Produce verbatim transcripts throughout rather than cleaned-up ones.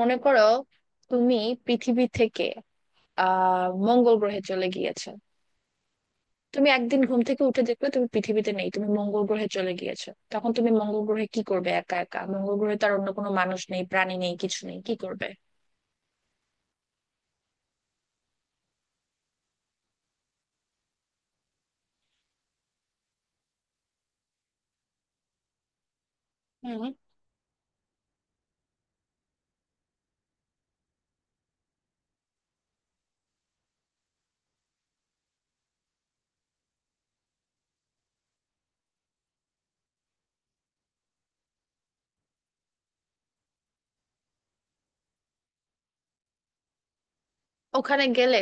মনে করো তুমি পৃথিবী থেকে আহ মঙ্গল গ্রহে চলে গিয়েছো। তুমি একদিন ঘুম থেকে উঠে দেখবে তুমি পৃথিবীতে নেই, তুমি মঙ্গল গ্রহে চলে গিয়েছো। তখন তুমি মঙ্গল গ্রহে কি করবে? একা একা মঙ্গল গ্রহে, তার অন্য কোনো মানুষ নেই, প্রাণী নেই, কিছু নেই। কি করবে? হুম। ওখানে গেলে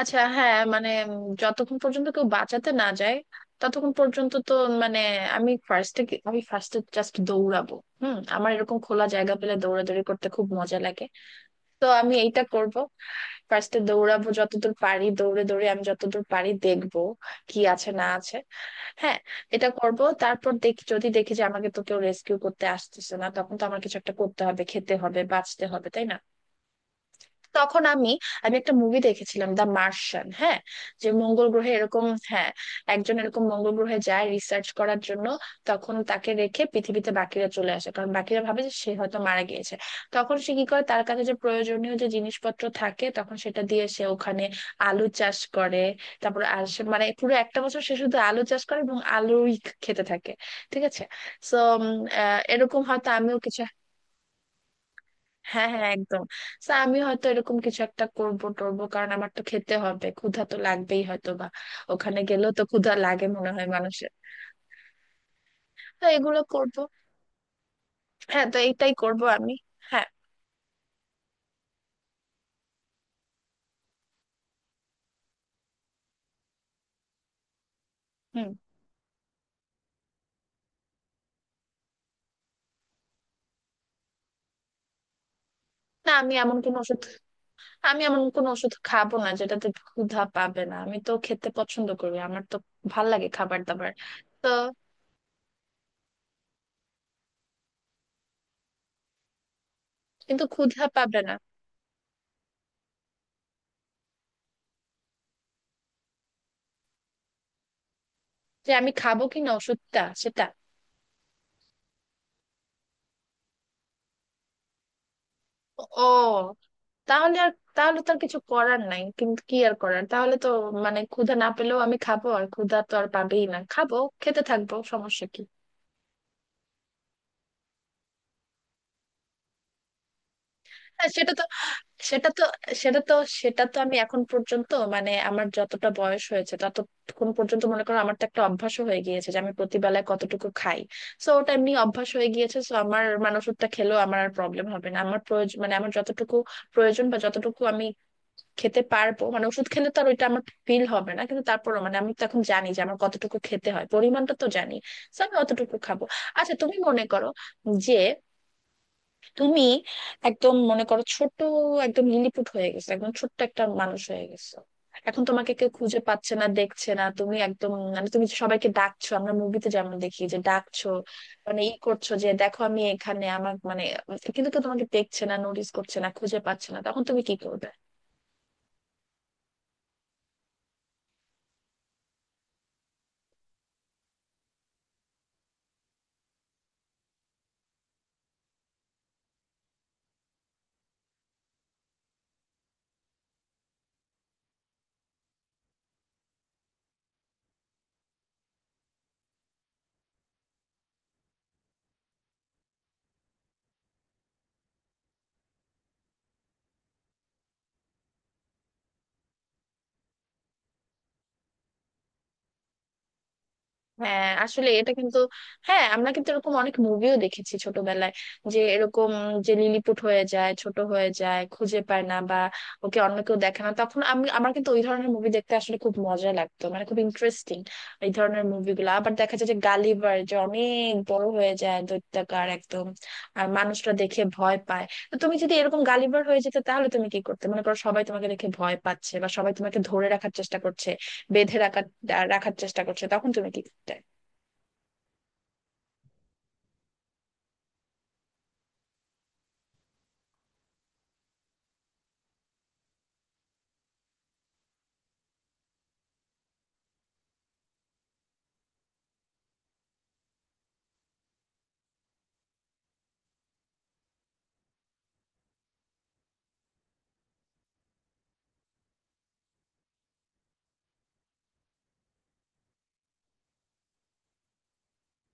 আচ্ছা, হ্যাঁ, মানে উম, যতক্ষণ পর্যন্ত কেউ বাঁচাতে না যায় ততক্ষণ পর্যন্ত তো মানে আমি ফার্স্টে আমি ফার্স্টে জাস্ট দৌড়াবো। হুম, আমার এরকম খোলা জায়গা পেলে দৌড়াদৌড়ি করতে খুব মজা লাগে। তো আমি এইটা করব। ফার্স্টে দৌড়াবো যতদূর পারি, দৌড়ে দৌড়ে আমি যতদূর পারি দেখবো কি আছে না আছে। হ্যাঁ, এটা করব। তারপর দেখি যদি দেখি যে আমাকে তো কেউ রেস্কিউ করতে আসতেছে না, তখন তো আমার কিছু একটা করতে হবে, খেতে হবে, বাঁচতে হবে, তাই না? তখন আমি আমি একটা মুভি দেখেছিলাম, দ্য মার্শিয়ান। হ্যাঁ, যে মঙ্গল গ্রহে এরকম। হ্যাঁ, একজন এরকম মঙ্গল গ্রহে যায় রিসার্চ করার জন্য। তখন তাকে রেখে পৃথিবীতে বাকিরা চলে আসে কারণ বাকিরা ভাবে যে সে হয়তো মারা গিয়েছে। তখন সে কি করে, তার কাছে যে প্রয়োজনীয় যে জিনিসপত্র থাকে তখন সেটা দিয়ে সে ওখানে আলু চাষ করে। তারপর আর সে মানে পুরো একটা বছর সে শুধু আলু চাষ করে এবং আলুই খেতে থাকে। ঠিক আছে। তো এরকম হয়তো আমিও কিছু। হ্যাঁ, হ্যাঁ, একদম। So, আমি হয়তো এরকম কিছু একটা করবো টরবো, কারণ আমার তো খেতে হবে, ক্ষুধা তো লাগবেই হয়তো বা। ওখানে গেলেও তো ক্ষুধা লাগে মনে হয় মানুষের। তো এগুলো করবো। হ্যাঁ, তো এইটাই করবো আমি। হ্যাঁ। হুম। না, আমি এমন কোনো ওষুধ আমি এমন কোনো ওষুধ খাবো না যেটাতে ক্ষুধা পাবে না। আমি তো খেতে পছন্দ করি, আমার তো ভাল লাগে খাবার দাবার। তো কিন্তু ক্ষুধা পাবে না, যে আমি খাবো কিনা ওষুধটা সেটা। ও, তাহলে আর তাহলে তো আর কিছু করার নাই, কিন্তু কি আর করার, তাহলে তো মানে ক্ষুধা না পেলেও আমি খাবো, আর ক্ষুধা তো আর পাবেই না, খাবো, খেতে থাকবো, সমস্যা কি? হ্যাঁ, সেটা তো সেটা তো সেটা তো সেটা তো আমি এখন পর্যন্ত মানে আমার যতটা বয়স হয়েছে ততক্ষণ পর্যন্ত, মনে করো আমার তো একটা অভ্যাস হয়ে গিয়েছে যে আমি প্রতিবেলায় কতটুকু খাই। সো ওটা এমনি অভ্যাস হয়ে গিয়েছে, সো আমার মানে ওষুধটা খেলেও আমার আর প্রবলেম হবে না। আমার প্রয়োজন মানে আমার যতটুকু প্রয়োজন বা যতটুকু আমি খেতে পারবো, মানে ওষুধ খেলে তো আর ওইটা আমার ফিল হবে না, কিন্তু তারপরও মানে আমি তো এখন জানি যে আমার কতটুকু খেতে হয়, পরিমাণটা তো জানি। So, আমি অতটুকু খাবো। আচ্ছা, তুমি মনে করো যে তুমি একদম মনে করো ছোট, একদম লিলিপুট হয়ে গেছো, একদম ছোট্ট একটা মানুষ হয়ে গেছো। এখন তোমাকে কেউ খুঁজে পাচ্ছে না, দেখছে না, তুমি একদম, মানে তুমি সবাইকে ডাকছো, আমরা মুভিতে যেমন দেখি যে ডাকছো, মানে ই করছো যে দেখো আমি এখানে, আমার মানে, কিন্তু কেউ তোমাকে দেখছে না, নোটিস করছে না, খুঁজে পাচ্ছে না, তখন তুমি কি করবে? হ্যাঁ, আসলে এটা কিন্তু, হ্যাঁ, আমরা কিন্তু এরকম অনেক মুভিও দেখেছি ছোটবেলায়, যে এরকম, যে লিলিপুট হয়ে যায়, ছোট হয়ে যায়, খুঁজে পায় না বা ওকে অন্য কেউ দেখে না। তখন আমি, আমার কিন্তু ওই ধরনের মুভি দেখতে আসলে খুব মজা লাগতো, মানে খুব ইন্টারেস্টিং। এই ধরনের মুভিগুলো আবার দেখা যায় যে গালিভার যে অনেক বড় হয়ে যায় দৈত্যাকার একদম, আর মানুষরা দেখে ভয় পায়। তো তুমি যদি এরকম গালিভার হয়ে যেতে তাহলে তুমি কি করতে, মনে করো সবাই তোমাকে দেখে ভয় পাচ্ছে বা সবাই তোমাকে ধরে রাখার চেষ্টা করছে, বেঁধে রাখার রাখার চেষ্টা করছে, তখন তুমি কি করতে?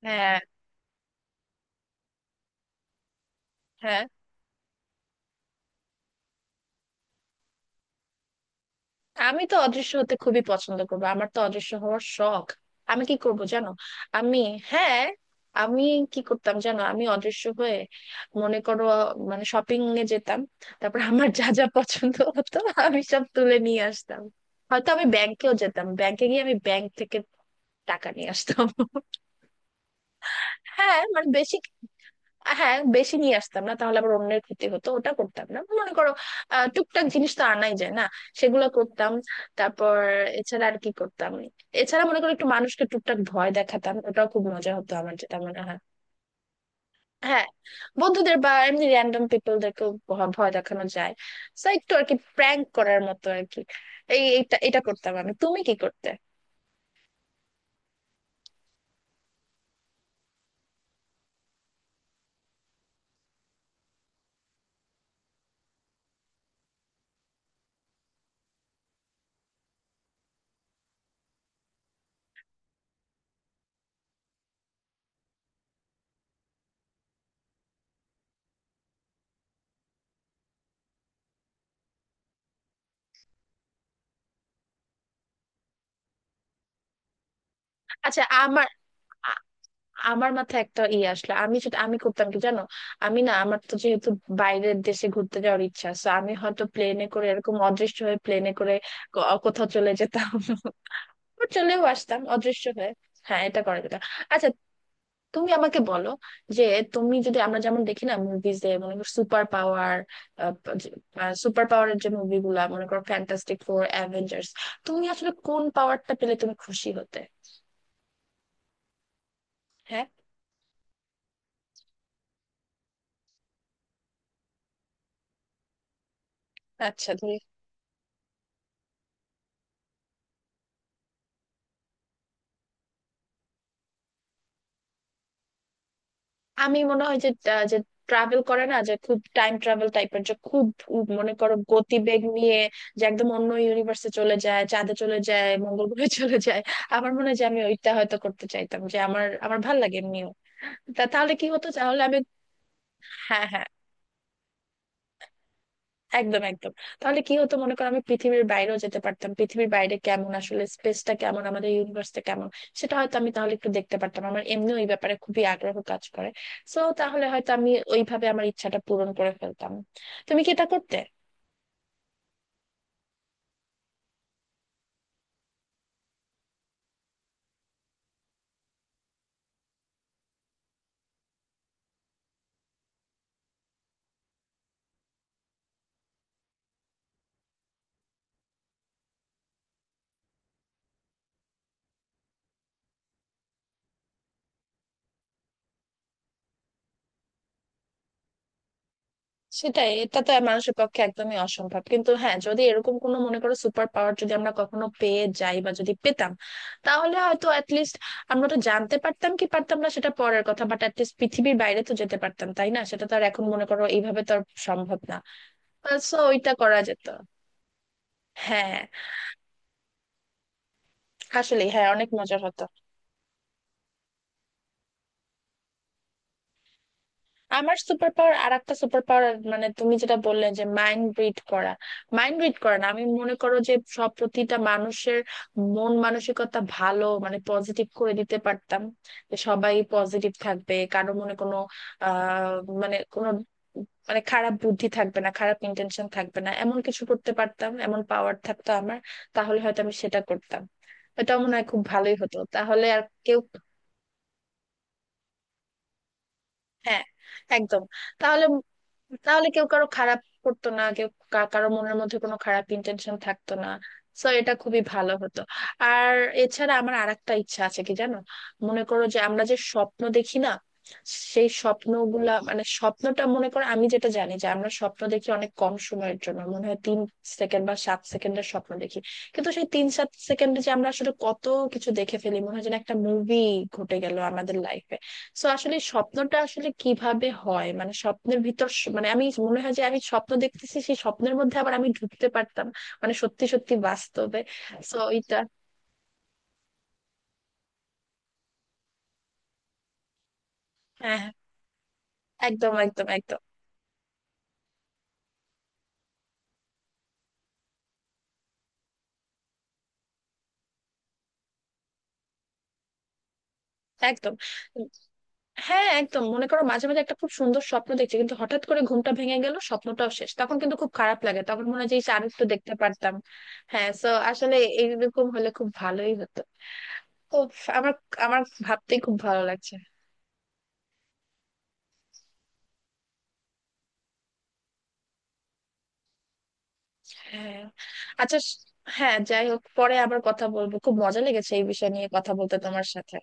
হ্যাঁ, হ্যাঁ, আমি তো অদৃশ্য হতে খুবই পছন্দ করবো, আমার তো অদৃশ্য হওয়ার শখ। আমি কি করব জানো? আমি হ্যাঁ, আমি কি করতাম জানো? আমি অদৃশ্য হয়ে মনে করো মানে শপিং এ যেতাম, তারপর আমার যা যা পছন্দ হতো আমি সব তুলে নিয়ে আসতাম। হয়তো আমি ব্যাংকেও যেতাম, ব্যাংকে গিয়ে আমি ব্যাংক থেকে টাকা নিয়ে আসতাম। হ্যাঁ, মানে বেশি, হ্যাঁ, বেশি নিয়ে আসতাম না, তাহলে আবার অন্যের ক্ষতি হতো, ওটা করতাম না, মনে করো। আহ, টুকটাক জিনিস তো আনাই যায় না, সেগুলো করতাম। তারপর এছাড়া আর কি করতাম? এছাড়া মনে করো একটু মানুষকে টুকটাক ভয় দেখাতাম, ওটাও খুব মজা হতো আমার যেটা মনে হয়। হ্যাঁ, বন্ধুদের বা এমনি র্যান্ডম পিপলদেরকেও ভ- ভয় দেখানো যায়। তো একটু আর কি প্র্যাঙ্ক করার মতো আর কি। এই এটা এটা করতাম আমি। তুমি কি করতে? আচ্ছা, আমার আমার মাথায় একটা ই আসলো, আমি সেটা আমি করতাম কি জানো, আমি না আমার তো যেহেতু বাইরের দেশে ঘুরতে যাওয়ার ইচ্ছা আছে, আমি হয়তো প্লেনে করে এরকম অদৃশ্য হয়ে প্লেনে করে ক- কোথাও চলে যেতাম বা চলেও আসতাম অদৃশ্য হয়ে। হ্যাঁ, এটা করা যেত। আচ্ছা, তুমি আমাকে বলো যে তুমি যদি, আমরা যেমন দেখি না মুভিজে, মনে করো সুপার পাওয়ার, সুপার পাওয়ারের যে মুভিগুলা মনে করো ফ্যান্টাস্টিক ফোর, অ্যাভেঞ্জার্স, তুমি আসলে কোন পাওয়ারটা পেলে তুমি খুশি হতে? হ্যাঁ। আচ্ছা, তুমি, আমি মনে হয় যে আহ, যে ট্রাভেল করে না, যে খুব টাইম ট্রাভেল টাইপের, যে খুব উ- মনে করো গতিবেগ নিয়ে, যে একদম অন্য ইউনিভার্সে চলে যায়, চাঁদে চলে যায়, মঙ্গল গ্রহে চলে যায়। আমার মনে হয় যে আমি ওইটা হয়তো করতে চাইতাম, যে আমার আমার ভাল লাগে এমনিও। তা তাহলে কি হতো? তাহলে আমি, হ্যাঁ, হ্যাঁ, একদম একদম। তাহলে কি হতো, মনে করো আমি পৃথিবীর বাইরেও যেতে পারতাম, পৃথিবীর বাইরে কেমন, আসলে স্পেসটা কেমন, আমাদের ইউনিভার্সটা কেমন, সেটা হয়তো আমি তাহলে একটু দেখতে পারতাম। আমার এমনি ওই ব্যাপারে খুবই আগ্রহ কাজ করে। সো তাহলে হয়তো আমি ওইভাবে আমার ইচ্ছাটা পূরণ করে ফেলতাম। তুমি কি এটা করতে? সেটাই, এটা তো মানুষের পক্ষে একদমই অসম্ভব, কিন্তু হ্যাঁ যদি এরকম কোনো মনে করো সুপার পাওয়ার যদি আমরা কখনো পেয়ে যাই বা যদি পেতাম, তাহলে হয়তো অ্যাটলিস্ট আমরা তো জানতে পারতাম, কি পারতাম না সেটা পরের কথা, বাট অ্যাটলিস্ট পৃথিবীর বাইরে তো যেতে পারতাম তাই না? সেটা তো আর এখন মনে করো এইভাবে তো আর সম্ভব না। সো ওইটা করা যেত। হ্যাঁ, আসলে হ্যাঁ অনেক মজার হতো। আমার সুপার পাওয়ার, আর একটা সুপার পাওয়ার, মানে তুমি যেটা বললে যে মাইন্ড রিড করা, মাইন্ড রিড করা না, আমি মনে করো যে সব প্রতিটা মানুষের মন মানসিকতা ভালো মানে পজিটিভ করে দিতে পারতাম, যে সবাই পজিটিভ থাকবে, কারো মনে কোনো আহ মানে কোনো মানে খারাপ বুদ্ধি থাকবে না, খারাপ ইন্টেনশন থাকবে না, এমন কিছু করতে পারতাম, এমন পাওয়ার থাকতো আমার, তাহলে হয়তো আমি সেটা করতাম। এটা মনে হয় খুব ভালোই হতো, তাহলে আর কেউ, হ্যাঁ, একদম। তাহলে, তাহলে কেউ কারো খারাপ করতো না, কেউ কা- কারো মনের মধ্যে কোনো খারাপ ইন্টেনশন থাকতো না। সো এটা খুবই ভালো হতো। আর এছাড়া আমার আরেকটা ইচ্ছা আছে কি জানো, মনে করো যে আমরা যে স্বপ্ন দেখি না, সেই স্বপ্নগুলা মানে স্বপ্নটা, মনে করো আমি যেটা জানি যে আমরা স্বপ্ন দেখি অনেক কম সময়ের জন্য, মনে হয় তিন সেকেন্ড বা সাত সেকেন্ডের স্বপ্ন দেখি, কিন্তু সেই তিন সাত সেকেন্ডে যে আমরা আসলে কত কিছু দেখে ফেলি, মনে হয় যেন একটা মুভি ঘটে গেল আমাদের লাইফে। সো আসলে স্বপ্নটা আসলে কিভাবে হয় মানে স্বপ্নের ভিতর স- মানে আমি মনে হয় যে আমি স্বপ্ন দেখতেছি, সেই স্বপ্নের মধ্যে আবার আমি ঢুকতে পারতাম, মানে সত্যি সত্যি বাস্তবে। সো এটা, হ্যাঁ, হ্যাঁ, একদম একদম একদম একদম। উম, হ্যাঁ, একদম মনে করো মাঝে মাঝে একটা খুব সুন্দর স্বপ্ন দেখছি কিন্তু হঠাৎ করে ঘুমটা ভেঙে গেল, স্বপ্নটাও শেষ, তখন কিন্তু খুব খারাপ লাগে, তখন মনে হয় যে ইস, আর একটু দেখতে পারতাম। হ্যাঁ, সো আসলে এইরকম হলে খুব ভালোই হতো। তো আমার, আমার ভাবতেই খুব ভালো লাগছে। হ্যাঁ, আচ্ছা স- হ্যাঁ, যাই হোক, পরে আবার কথা বলবো। খুব মজা লেগেছে এই বিষয় নিয়ে কথা বলতে তোমার সাথে।